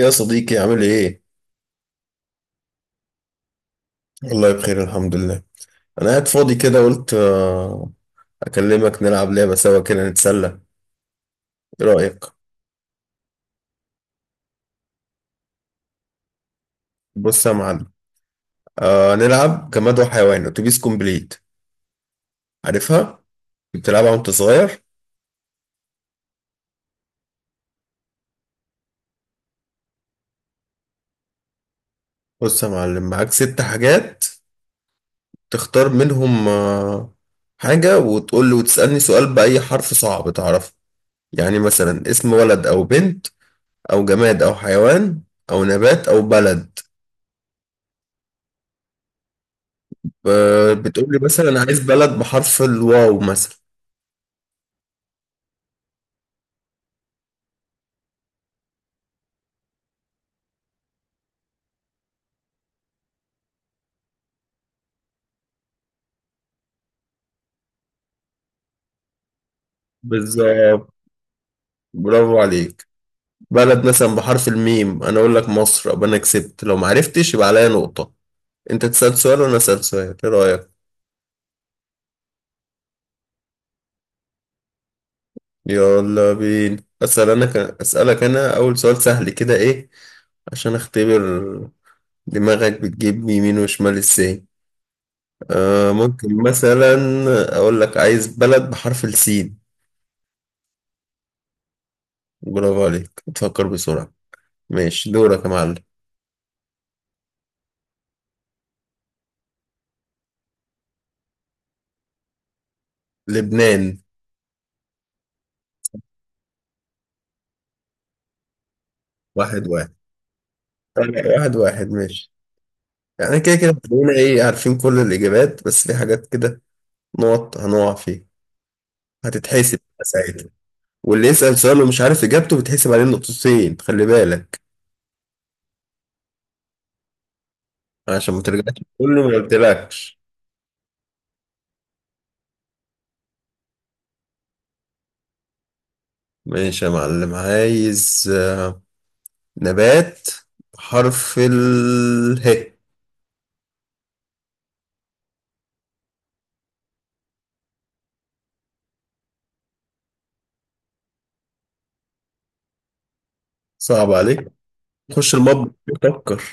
يا صديقي عامل ايه؟ والله بخير الحمد لله. انا قاعد فاضي كده قلت اكلمك نلعب لعبة سوا كده نتسلى. ايه رأيك؟ بص يا معلم. نلعب جماد وحيوان اتوبيس كومبليت. عارفها؟ بتلعبها وانت صغير؟ بص يا معلم، معاك ست حاجات تختار منهم حاجة، وتقول لي وتسألني سؤال بأي حرف صعب تعرفه. يعني مثلا اسم ولد او بنت، او جماد او حيوان، او نبات او بلد. بتقولي مثلا: انا عايز بلد بحرف الواو مثلا. بالظبط، برافو عليك. بلد مثلا بحرف الميم، انا اقول لك مصر ابقى انا كسبت، لو ما عرفتش يبقى عليا نقطة. انت تسأل سؤال وانا اسأل سؤال، ايه رأيك؟ يلا بينا. اسأل انا اسألك انا اول سؤال سهل كده، ايه عشان اختبر دماغك بتجيب يمين وشمال ازاي. ممكن مثلا اقول لك: عايز بلد بحرف السين. برافو عليك، تفكر بسرعة. ماشي دورك يا معلم. لبنان. واحد واحد. طيب، واحد واحد ماشي. يعني كده كده هتلاقينا ايه، عارفين كل الإجابات، بس في حاجات كده نقط هنقع فيها، هتتحسب ساعتها. واللي يسأل سؤال ومش عارف إجابته بتحسب عليه نقطتين، خلي بالك، عشان ما ترجعش تقول لي ما قلتلكش. ماشي يا معلم، عايز نبات حرف اله. صعب عليك. خش المطبخ. فكر.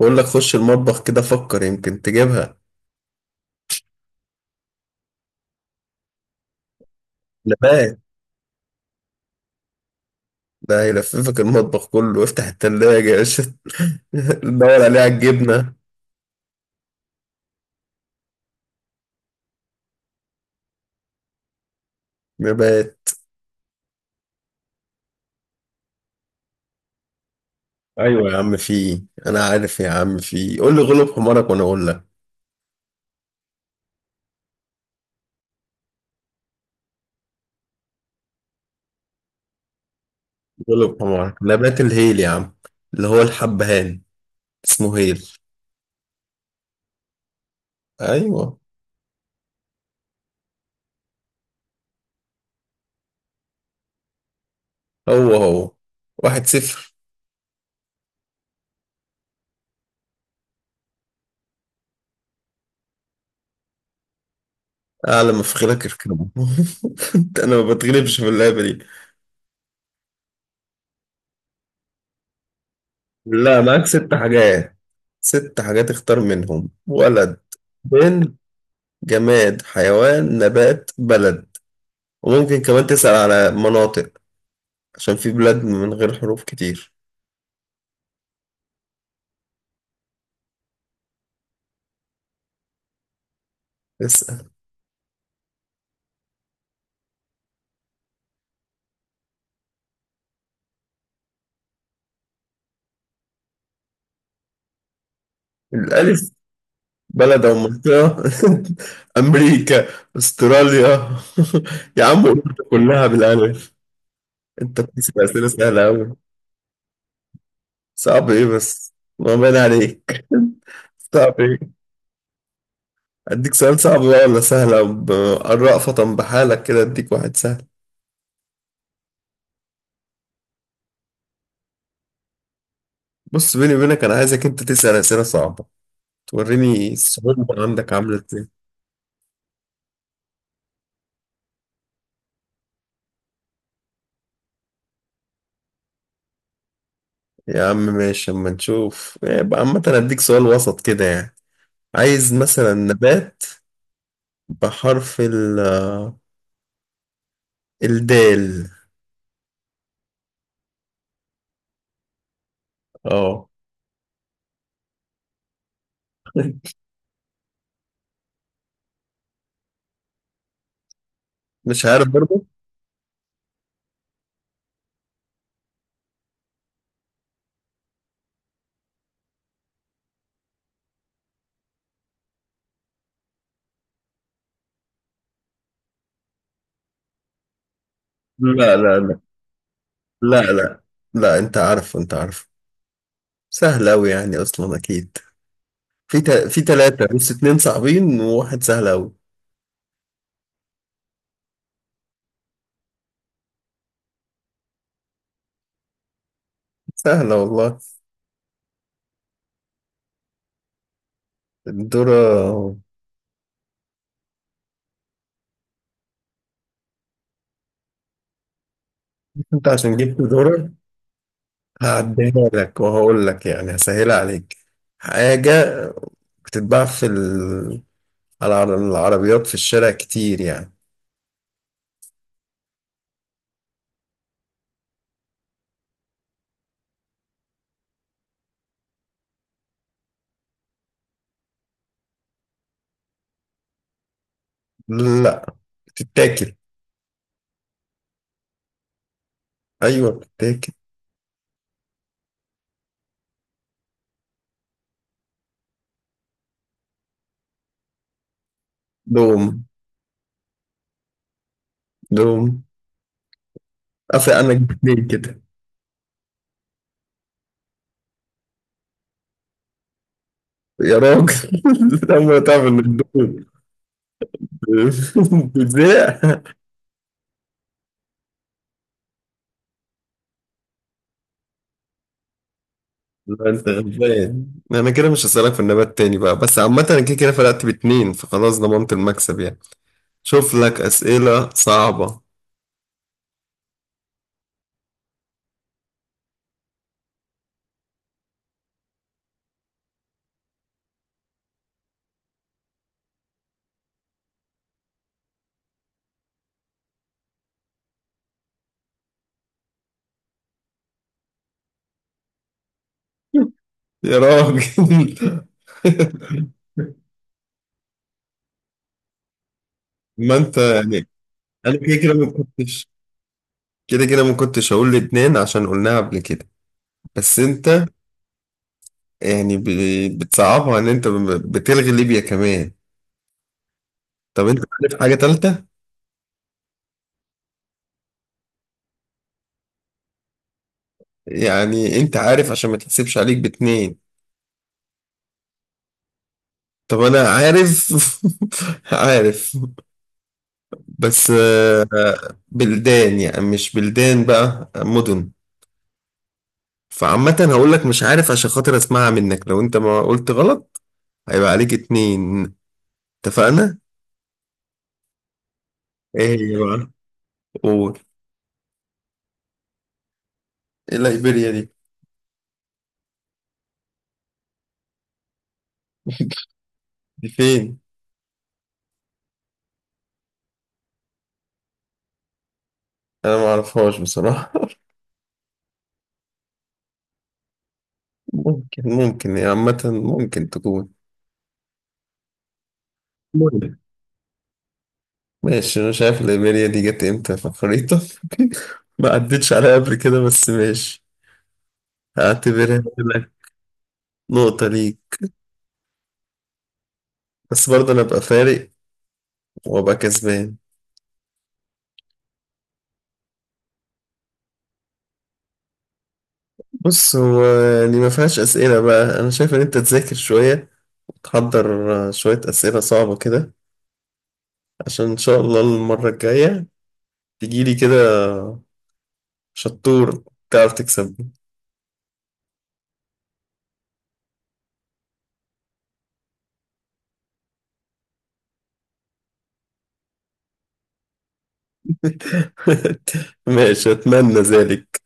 بقول لك خش المطبخ كده، فكر يمكن تجيبها. نبات ده هيلففك المطبخ كله، افتح التلاجة يا باشا ندور عليه على الجبنة. نبات. ايوه يا عم في إيه؟ انا عارف يا عم في إيه. قول لي غلب حمارك وانا اقول لك. غلب حمارك نبات الهيل يا عم، اللي هو الحبهان، اسمه هيل. ايوه. هو هو. 1-0. اعلى ما في خيرك اركبه. انا ما بتغلبش في اللعبة دي. لا، معاك ست حاجات، ست حاجات، اختار منهم ولد، بنت، جماد، حيوان، نبات، بلد. وممكن كمان تسأل على مناطق، عشان في بلاد من غير حروف كتير. اسأل. الألف. بلد أو منطقة. أمريكا، أستراليا يا عم أوروبا كلها بالألف. أنت بتسأل أسئلة سهلة أوي. صعب إيه بس، ما بين عليك. صعب إيه؟ أديك سؤال صعب بقى ولا سهلة؟ الرأفة بحالك كده، أديك واحد سهل. بص بيني وبينك، أنا عايزك أنت تسأل أسئلة صعبة، توريني الصعوبة عندك عاملة إزاي. يا عم ماشي، أما نشوف إيه. يبقى عامة أديك سؤال وسط كده يعني. عايز مثلا نبات بحرف الدال. اه، مش عارف برضه. لا لا لا، لا لا، لا انت عارف، انت عارف، سهل اوي يعني اصلا، اكيد. في تلاتة، بس اتنين صعبين وواحد سهل اوي. سهلة والله. الذرة. انت عشان جبت ذرة، هعديها لك وهقول لك، يعني هسهلها عليك. حاجة بتتباع على العربيات في الشارع كتير يعني. لا، بتتاكل. ايوه بتاكل. دوم. دوم. افي انا جبتين كده. يا راجل لما تعمل الدوم بتزهق لا انت غلبان. انا كده مش هسألك في النبات تاني بقى، بس عامة انا كده كده فرقت باتنين، فخلاص ضمنت المكسب يعني. شوف لك اسئلة صعبة. يا راجل ما انت يعني. انا كده كده ما كنتش كده كده ما كنتش هقول لبنان عشان قلناها قبل كده. بس انت يعني بتصعبها، ان انت بتلغي ليبيا كمان. طب انت عارف حاجة تالتة؟ يعني انت عارف، عشان ما تحسبش عليك باتنين. طب انا عارف عارف، بس بلدان، يعني مش بلدان بقى، مدن. فعامة هقول لك مش عارف، عشان خاطر اسمعها منك، لو انت ما قلت غلط هيبقى عليك اتنين. اتفقنا؟ ايه هي بقى؟ قول. ايه ليبيريا دي؟ دي فين؟ انا ما اعرفهاش بصراحة. ممكن، يعني عامة، ممكن تكون، مهم. ماشي، أنا شايف الإيميليا دي جت إمتى في الخريطة ما عدتش عليها قبل كده، بس ماشي، هعتبرها لك نقطة ليك. بس برضه أنا أبقى فارق وأبقى كسبان. بص هو يعني ما فيهاش أسئلة بقى. أنا شايف إن أنت تذاكر شوية، وتحضر شوية أسئلة صعبة كده، عشان إن شاء الله المرة الجاية تجيلي كده شطور، تعرف تكسبني. ماشي، أتمنى ذلك.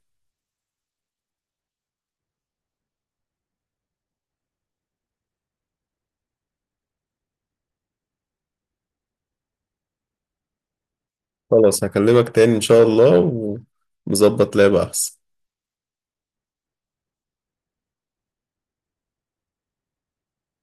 خلاص هكلمك تاني إن شاء الله، ونظبط لعبة أحسن.